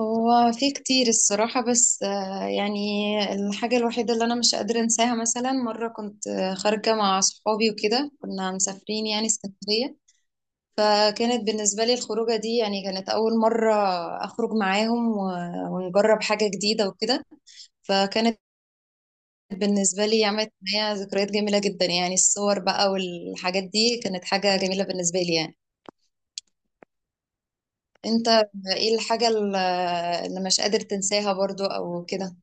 هو في كتير الصراحة، بس يعني الحاجة الوحيدة اللي أنا مش قادرة أنساها. مثلا مرة كنت خارجة مع صحابي وكده، كنا مسافرين يعني اسكندرية. فكانت بالنسبة لي الخروجة دي، يعني كانت أول مرة أخرج معاهم ونجرب حاجة جديدة وكده. فكانت بالنسبة لي عملت معايا ذكريات جميلة جدا، يعني الصور بقى والحاجات دي كانت حاجة جميلة بالنسبة لي يعني. أنت ايه الحاجة اللي مش قادر تنساها برضو أو كده؟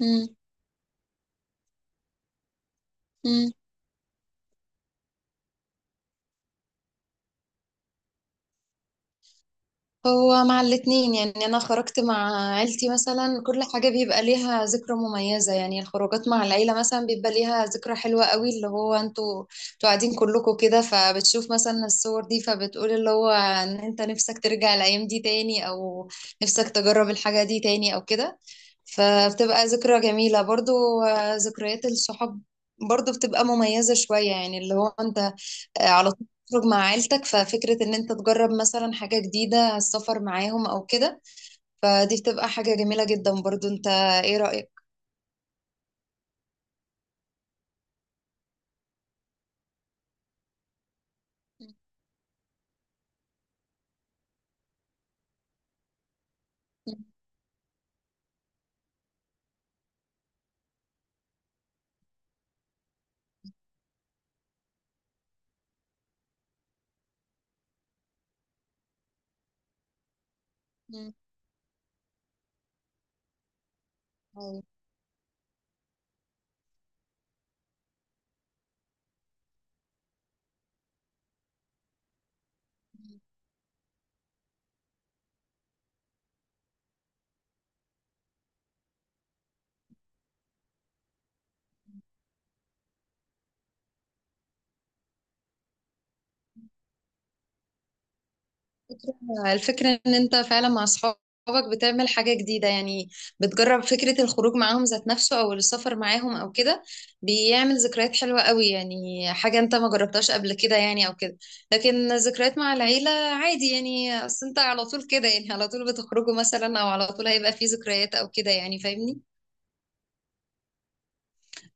مم. مم. هو مع الاتنين. يعني أنا خرجت مع عيلتي مثلا، كل حاجة بيبقى ليها ذكرى مميزة. يعني الخروجات مع العيلة مثلا بيبقى ليها ذكرى حلوة قوي، اللي هو انتوا قاعدين كلكم كده، فبتشوف مثلا الصور دي، فبتقول اللي هو ان انت نفسك ترجع الأيام دي تاني، أو نفسك تجرب الحاجة دي تاني أو كده. فبتبقى ذكرى جميلة برضو. ذكريات الصحاب برضو بتبقى مميزة شوية، يعني اللي هو انت على تخرج مع عيلتك، ففكرة ان انت تجرب مثلا حاجة جديدة، السفر معاهم او كده، فدي بتبقى حاجة جميلة جدا برضو. انت ايه رأيك؟ مم. مم. أيوة. الفكرة ان انت فعلا مع اصحابك بتعمل حاجة جديدة. يعني بتجرب فكرة الخروج معاهم ذات نفسه، او السفر معاهم او كده، بيعمل ذكريات حلوة قوي يعني، حاجة انت ما جربتهاش قبل كده يعني او كده. لكن ذكريات مع العيلة عادي، يعني اصل انت على طول كده، يعني على طول بتخرجوا مثلا، او على طول هيبقى في ذكريات او كده يعني، فاهمني؟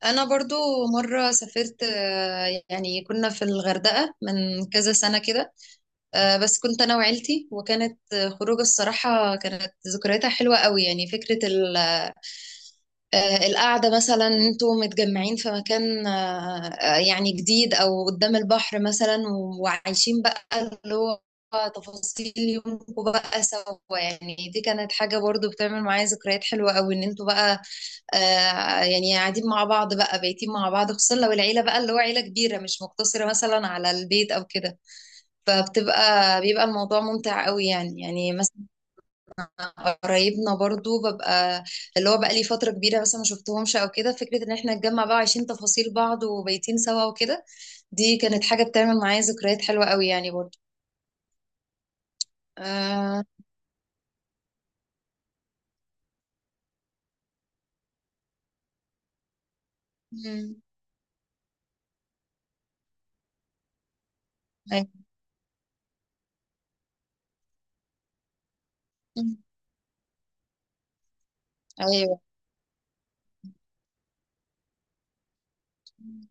انا برضو مرة سافرت، يعني كنا في الغردقة من كذا سنة كده. بس كنت انا وعيلتي، وكانت خروجه الصراحه كانت ذكرياتها حلوه قوي، يعني فكره القعده مثلا انتوا متجمعين في مكان، يعني جديد، او قدام البحر مثلا، وعايشين بقى اللي هو تفاصيل يومكم بقى سوا. يعني دي كانت حاجه برضو بتعمل معايا ذكريات حلوه قوي، ان انتوا بقى يعني قاعدين مع بعض بقى، بايتين مع بعض، خصوصا لو العيله بقى اللي هو عيله كبيره، مش مقتصره مثلا على البيت او كده. بيبقى الموضوع ممتع قوي يعني مثلا قرايبنا برضو ببقى اللي هو بقى لي فترة كبيرة مثلا ما شفتهمش او كده، فكرة ان احنا نتجمع بقى وعايشين تفاصيل بعض وبايتين سوا وكده، دي كانت حاجة بتعمل معايا ذكريات حلوة قوي يعني برضو. آه... مم. أيوة. مم. أيوة. مم.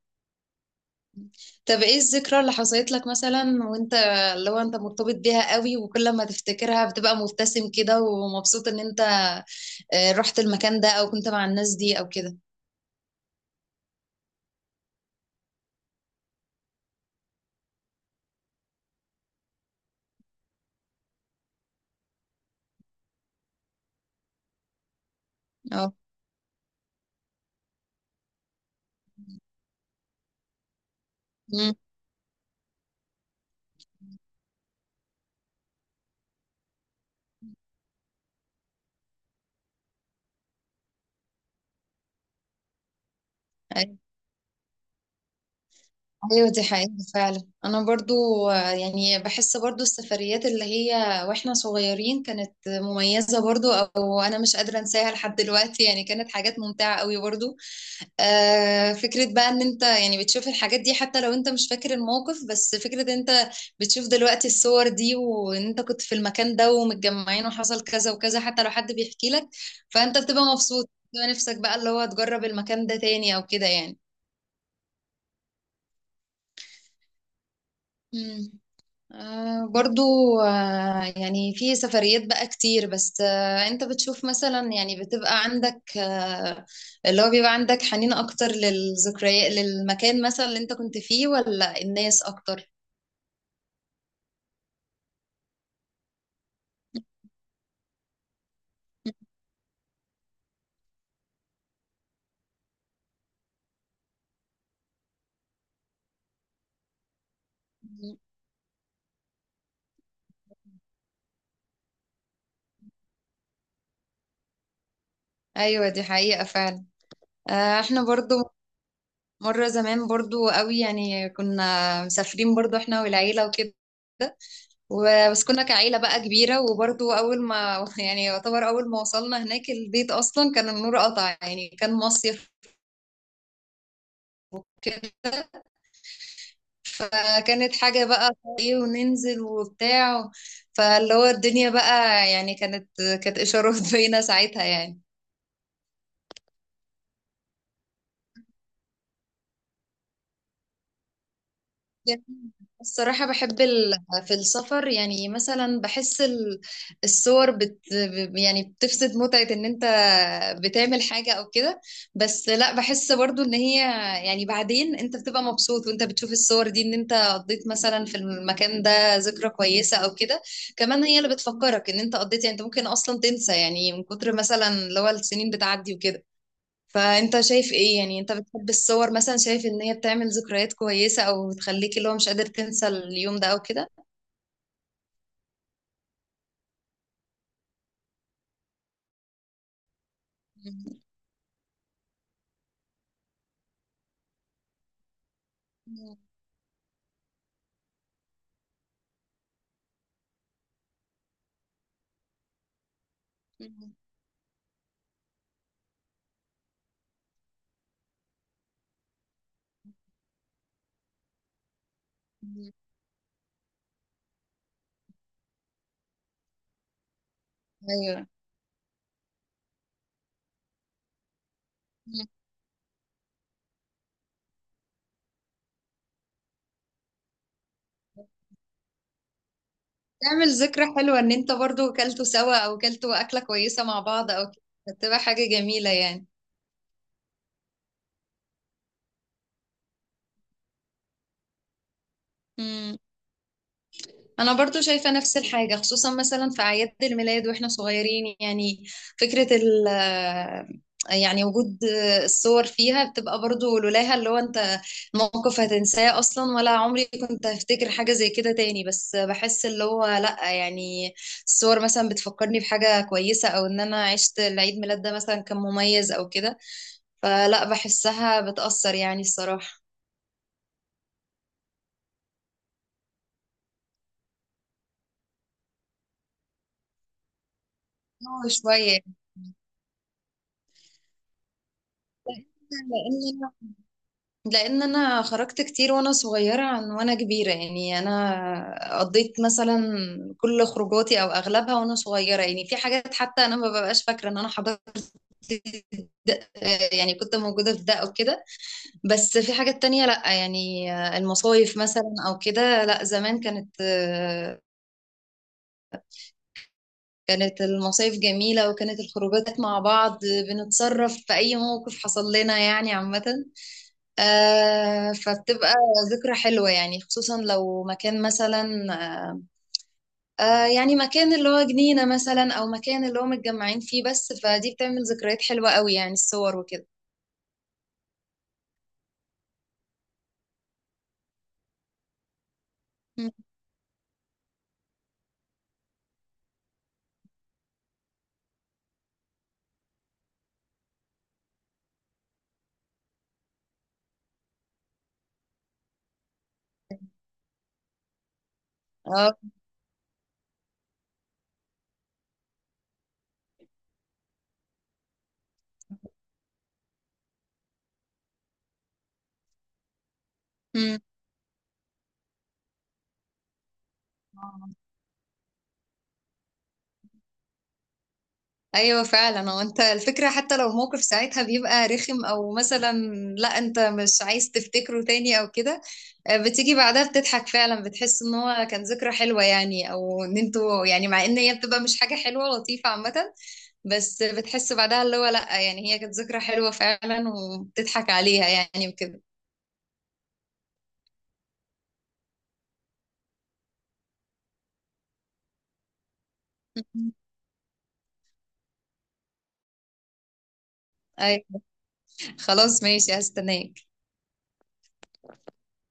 طب ايه الذكرى اللي حصلت لك مثلا، وانت لو انت مرتبط بيها قوي وكل ما تفتكرها بتبقى مبتسم كده ومبسوط ان انت رحت المكان ده، او كنت مع الناس دي او كده؟ آه. مم. أيوة. أيوة، دي حقيقة فعلا. أنا برضو يعني بحس برضو السفريات اللي هي وإحنا صغيرين كانت مميزة برضو، أو أنا مش قادرة أنساها لحد دلوقتي يعني، كانت حاجات ممتعة قوي برضو. فكرة بقى إن أنت يعني بتشوف الحاجات دي حتى لو أنت مش فاكر الموقف، بس فكرة إن أنت بتشوف دلوقتي الصور دي وإن أنت كنت في المكان ده ومتجمعين وحصل كذا وكذا، حتى لو حد بيحكي لك، فأنت بتبقى مبسوط، بتبقى نفسك بقى اللي هو تجرب المكان ده تاني أو كده يعني. مم. برضو يعني في سفريات بقى كتير، بس انت بتشوف مثلا يعني بتبقى عندك، اللي هو بيبقى عندك حنين اكتر للذكريات، للمكان مثلا اللي انت كنت فيه ولا الناس اكتر؟ مم. ايوه دي حقيقة فعلا. احنا برضو مرة زمان برضو قوي يعني كنا مسافرين، برضو احنا والعيلة وكده، بس كنا كعيلة بقى كبيرة، وبرضو أول ما يعني يعتبر أول ما وصلنا هناك البيت أصلا كان النور قطع، يعني كان مصيف. فكانت حاجة بقى ايه وننزل وبتاع، فاللي هو الدنيا بقى يعني كانت إشارات باينة ساعتها يعني. جميل. الصراحة بحب في السفر يعني، مثلا بحس الصور يعني بتفسد متعة ان انت بتعمل حاجة او كده، بس لا، بحس برضو ان هي يعني بعدين انت بتبقى مبسوط وانت بتشوف الصور دي، ان انت قضيت مثلا في المكان ده ذكرى كويسة او كده. كمان هي اللي بتفكرك ان انت قضيت، يعني انت ممكن اصلا تنسى، يعني من كتر مثلا اللي هو السنين بتعدي وكده. فانت شايف ايه يعني، انت بتحب الصور مثلا، شايف ان هي بتعمل ذكريات كويسة، او بتخليك اللي هو مش قادر تنسى اليوم ده او كده؟ ايوه، تعمل ذكرى حلوة ان انت برضو كلتوا سوا، او كلتوا اكلة كويسة مع بعض او كده، بتبقى حاجة جميلة يعني. انا برضو شايفة نفس الحاجة، خصوصا مثلا في اعياد الميلاد واحنا صغيرين يعني، فكرة ال آه، يعني وجود الصور فيها بتبقى برضو، لولاها اللي هو انت موقف هتنساه اصلا، ولا عمري كنت هفتكر حاجة زي كده تاني. بس بحس اللي هو لا يعني، الصور مثلا بتفكرني بحاجة كويسة، او ان انا عشت العيد ميلاد ده مثلا كان مميز او كده، فلا بحسها بتأثر يعني الصراحة. اه، شوية. لان لان انا خرجت كتير وانا صغيره عن وانا كبيره. يعني انا قضيت مثلا كل خروجاتي او اغلبها وانا صغيره، يعني في حاجات حتى انا ما ببقاش فاكره ان انا حضرت ده- يعني كنت موجودة في ده أو كده، بس في حاجات تانية لأ يعني. المصايف مثلا أو كده لأ، زمان كانت المصايف جميلة، وكانت الخروجات مع بعض بنتصرف في أي موقف حصل لنا يعني عامة. فبتبقى ذكرى حلوة يعني، خصوصا لو مكان مثلا، آه يعني مكان اللي هو جنينة مثلا، أو مكان اللي هو متجمعين فيه بس، فدي بتعمل ذكريات حلوة قوي يعني الصور وكده. مم. اه. مم. ايوه فعلا. هو انت الفكره حتى لو الموقف ساعتها بيبقى رخم، او مثلا لا انت مش عايز تفتكره تاني او كده، بتيجي بعدها بتضحك فعلا، بتحس ان هو كان ذكرى حلوه يعني، او ان انتوا يعني، مع ان هي بتبقى مش حاجه حلوه لطيفه عامه، بس بتحس بعدها اللي هو لا يعني هي كانت ذكرى حلوه فعلا وبتضحك عليها يعني وكده. أيوة. خلاص ماشي، هستناك.